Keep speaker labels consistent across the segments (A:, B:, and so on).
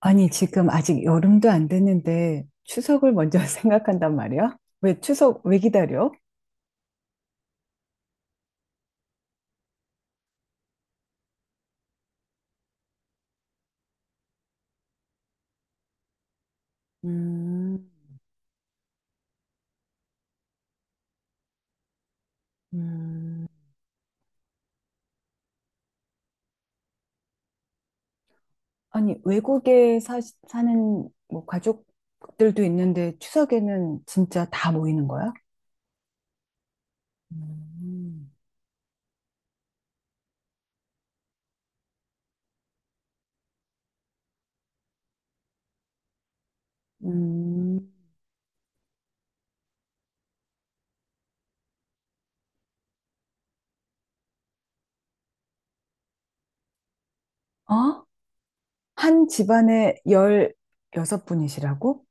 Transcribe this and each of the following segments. A: 아니, 지금 아직 여름도 안 됐는데 추석을 먼저 생각한단 말이야? 왜 추석 왜 기다려? 음, 음, 아니, 외국에 사는 뭐 가족들도 있는데 추석에는 진짜 다 모이는 거야? 음, 음. 어? 한 집안에 16분이시라고?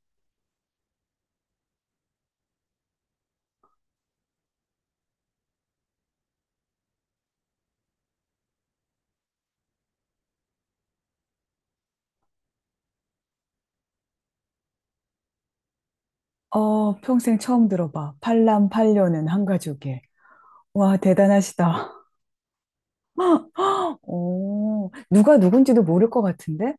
A: 어, 평생 처음 들어봐. 팔남팔녀는 한 가족에. 와, 대단하시다. 어, 누가 누군지도 모를 것 같은데?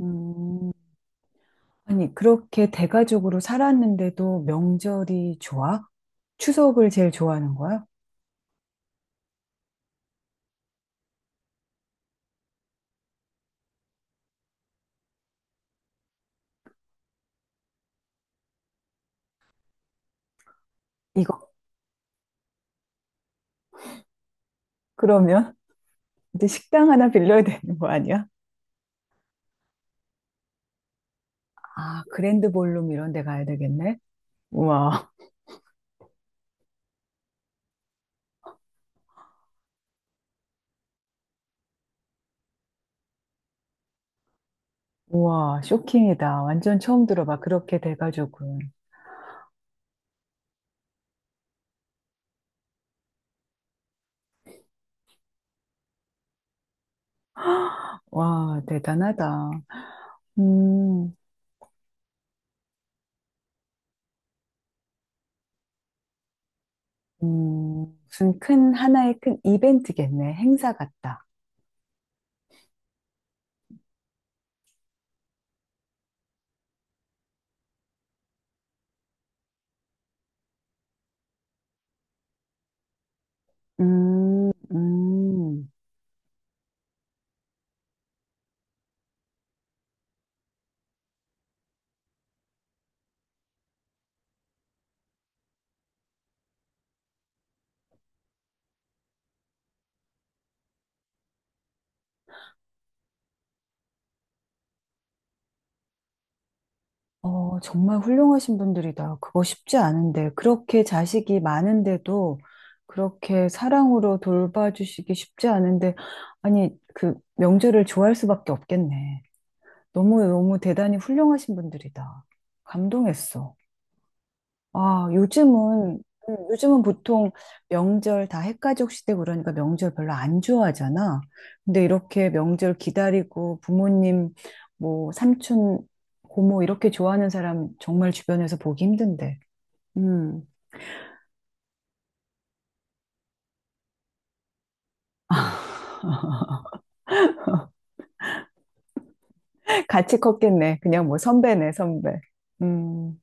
A: 음, 아니, 그렇게 대가족으로 살았는데도 명절이 좋아? 추석을 제일 좋아하는 거야? 이거. 그러면 이제 식당 하나 빌려야 되는 거 아니야? 아, 그랜드 볼룸 이런 데 가야 되겠네? 우와, 우와, 쇼킹이다. 완전 처음 들어봐. 그렇게 대가족은. 와, 대단하다. 음, 무슨 큰, 하나의 큰 이벤트겠네. 행사 같다. 음, 음. 어, 정말 훌륭하신 분들이다. 그거 쉽지 않은데. 그렇게 자식이 많은데도 그렇게 사랑으로 돌봐주시기 쉽지 않은데. 아니, 그 명절을 좋아할 수밖에 없겠네. 너무너무 대단히 훌륭하신 분들이다. 감동했어. 아, 요즘은, 요즘은 보통 명절 다 핵가족 시대 그러니까 명절 별로 안 좋아하잖아. 근데 이렇게 명절 기다리고 부모님, 뭐, 삼촌, 고모 이렇게 좋아하는 사람 정말 주변에서 보기 힘든데. 음, 같이 컸겠네. 그냥 뭐 선배네, 선배. 음,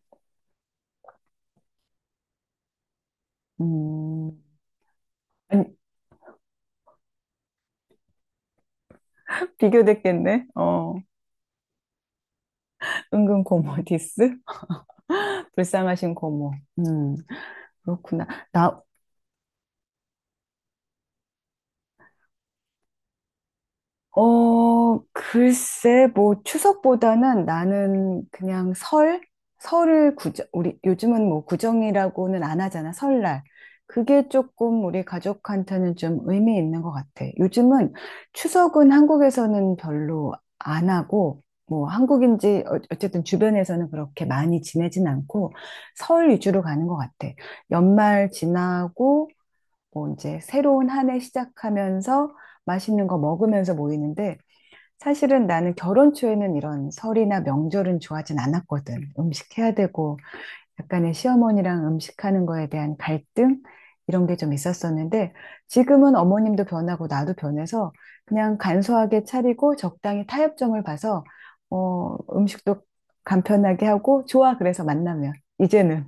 A: 음. 아니, 비교됐겠네. 어. 은근 고모 디스? 불쌍하신 고모. 음, 그렇구나. 나, 어, 글쎄, 뭐, 추석보다는 나는 그냥 설? 설을 구정, 우리, 요즘은 뭐, 구정이라고는 안 하잖아, 설날. 그게 조금 우리 가족한테는 좀 의미 있는 것 같아. 요즘은 추석은 한국에서는 별로 안 하고, 뭐, 한국인지, 어쨌든 주변에서는 그렇게 많이 지내진 않고, 설 위주로 가는 것 같아. 연말 지나고, 뭐, 이제 새로운 한해 시작하면서 맛있는 거 먹으면서 모이는데, 사실은 나는 결혼 초에는 이런 설이나 명절은 좋아하진 않았거든. 음식 해야 되고, 약간의 시어머니랑 음식하는 거에 대한 갈등? 이런 게 좀 있었었는데, 지금은 어머님도 변하고 나도 변해서 그냥 간소하게 차리고 적당히 타협점을 봐서, 어, 음식도 간편하게 하고, 좋아. 그래서 만나면. 이제는.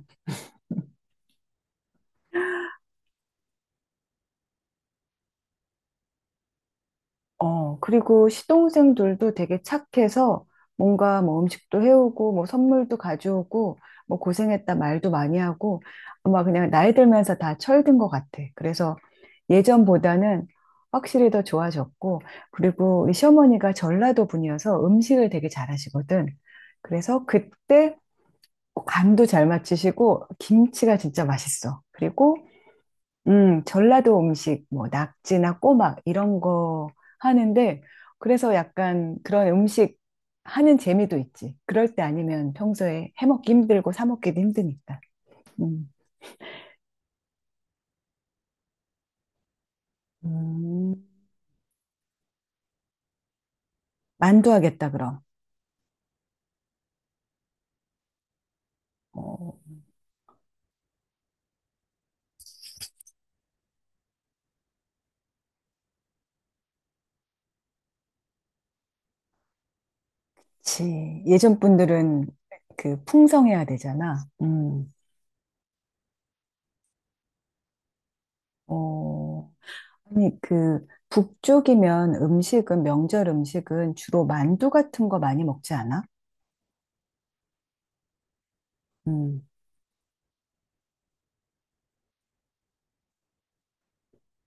A: 어, 그리고 시동생들도 되게 착해서 뭔가 뭐 음식도 해오고 뭐 선물도 가져오고 뭐 고생했다 말도 많이 하고 아마 그냥 나이 들면서 다 철든 것 같아. 그래서 예전보다는 확실히 더 좋아졌고 그리고 우리 시어머니가 전라도 분이어서 음식을 되게 잘하시거든. 그래서 그때 뭐 간도 잘 맞추시고 김치가 진짜 맛있어. 그리고 전라도 음식, 뭐, 낙지나 꼬막, 이런 거 하는데, 그래서 약간 그런 음식 하는 재미도 있지. 그럴 때 아니면 평소에 해먹기 힘들고 사먹기도 힘드니까. 음. 음, 만두 하겠다, 그럼. 어, 그치. 예전 분들은 그 풍성해야 되잖아. 어, 아니, 그, 북쪽이면 음식은, 명절 음식은 주로 만두 같은 거 많이 먹지 않아? 음,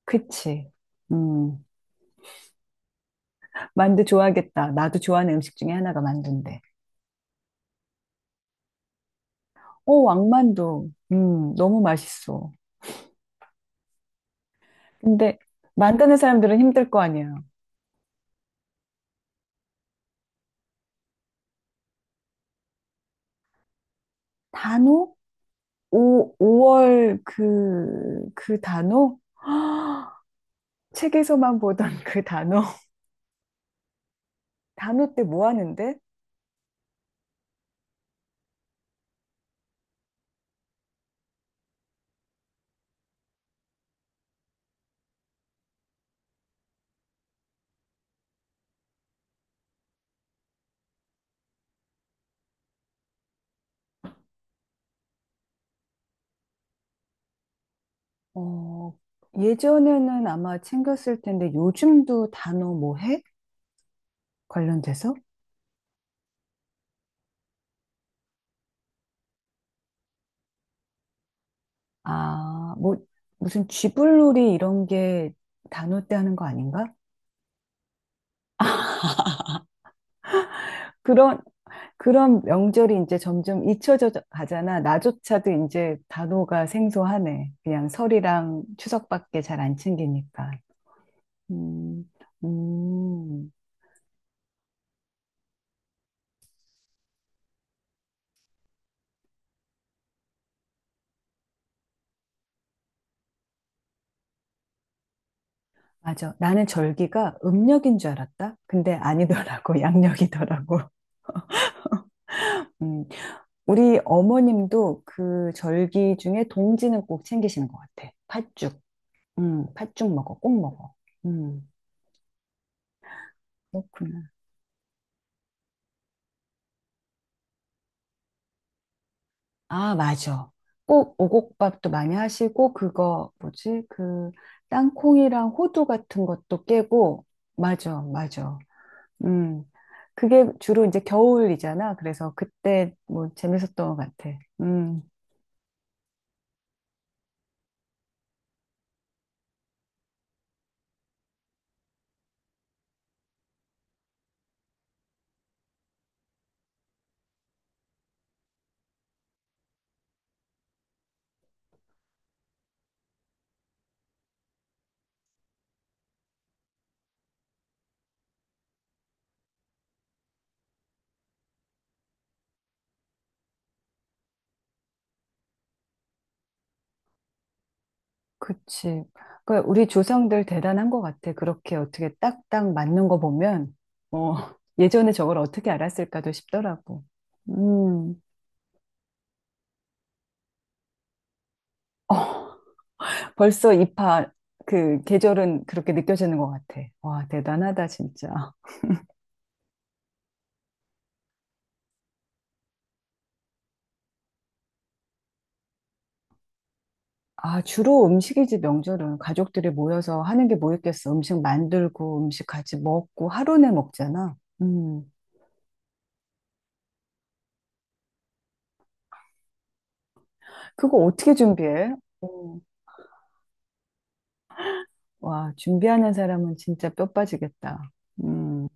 A: 그치. 음. 만두 좋아하겠다. 나도 좋아하는 음식 중에 하나가 만두인데. 오, 왕만두. 너무 맛있어. 근데 만드는 사람들은 힘들 거 아니에요. 단오? 오, 5월 그, 그 단오? 헉, 책에서만 보던 그 단오. 단오 때 뭐 하는데? 어, 예전에는 아마 챙겼을 텐데 요즘도 단어 뭐 해? 관련돼서? 아, 뭐, 무슨 쥐불놀이 이런 게 단어 때 하는 거 아닌가? 그런, 그런 명절이 이제 점점 잊혀져 가잖아. 나조차도 이제 단어가 생소하네. 그냥 설이랑 추석밖에 잘 안 챙기니까. 음, 음, 맞아. 나는 절기가 음력인 줄 알았다. 근데 아니더라고. 양력이더라고. 음, 우리 어머님도 그 절기 중에 동지는 꼭 챙기시는 것 같아. 팥죽. 팥죽 먹어. 꼭 먹어. 음, 그렇구나. 아, 맞아. 꼭 오곡밥도 많이 하시고, 그거, 뭐지? 그, 땅콩이랑 호두 같은 것도 깨고, 맞아, 맞아. 음. 그게 주로 이제 겨울이잖아. 그래서 그때 뭐 재밌었던 것 같아. 그치. 그러니까 우리 조상들 대단한 것 같아. 그렇게 어떻게 딱딱 맞는 거 보면, 어, 예전에 저걸 어떻게 알았을까도 싶더라고. 음. 어, 벌써 입하 그 계절은 그렇게 느껴지는 것 같아. 와, 대단하다, 진짜. 아, 주로 음식이지, 명절은. 가족들이 모여서 하는 게 뭐 있겠어. 음식 만들고, 음식 같이 먹고, 하루 내 먹잖아. 음, 그거 어떻게 준비해? 음, 와, 준비하는 사람은 진짜 뼈 빠지겠다. 음,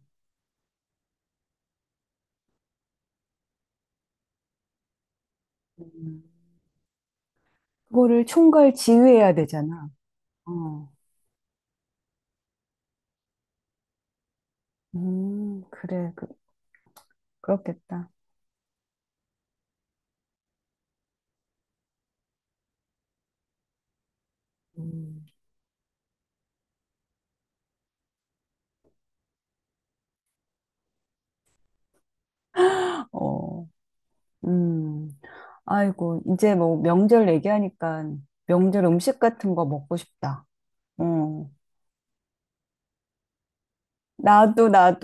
A: 음. 그거를 총괄 지휘해야 되잖아. 어, 그래, 그, 그렇겠다. 음. 어, 음. 아이고, 이제 뭐 명절 얘기하니까 명절 음식 같은 거 먹고 싶다. 어. 나도, 나도.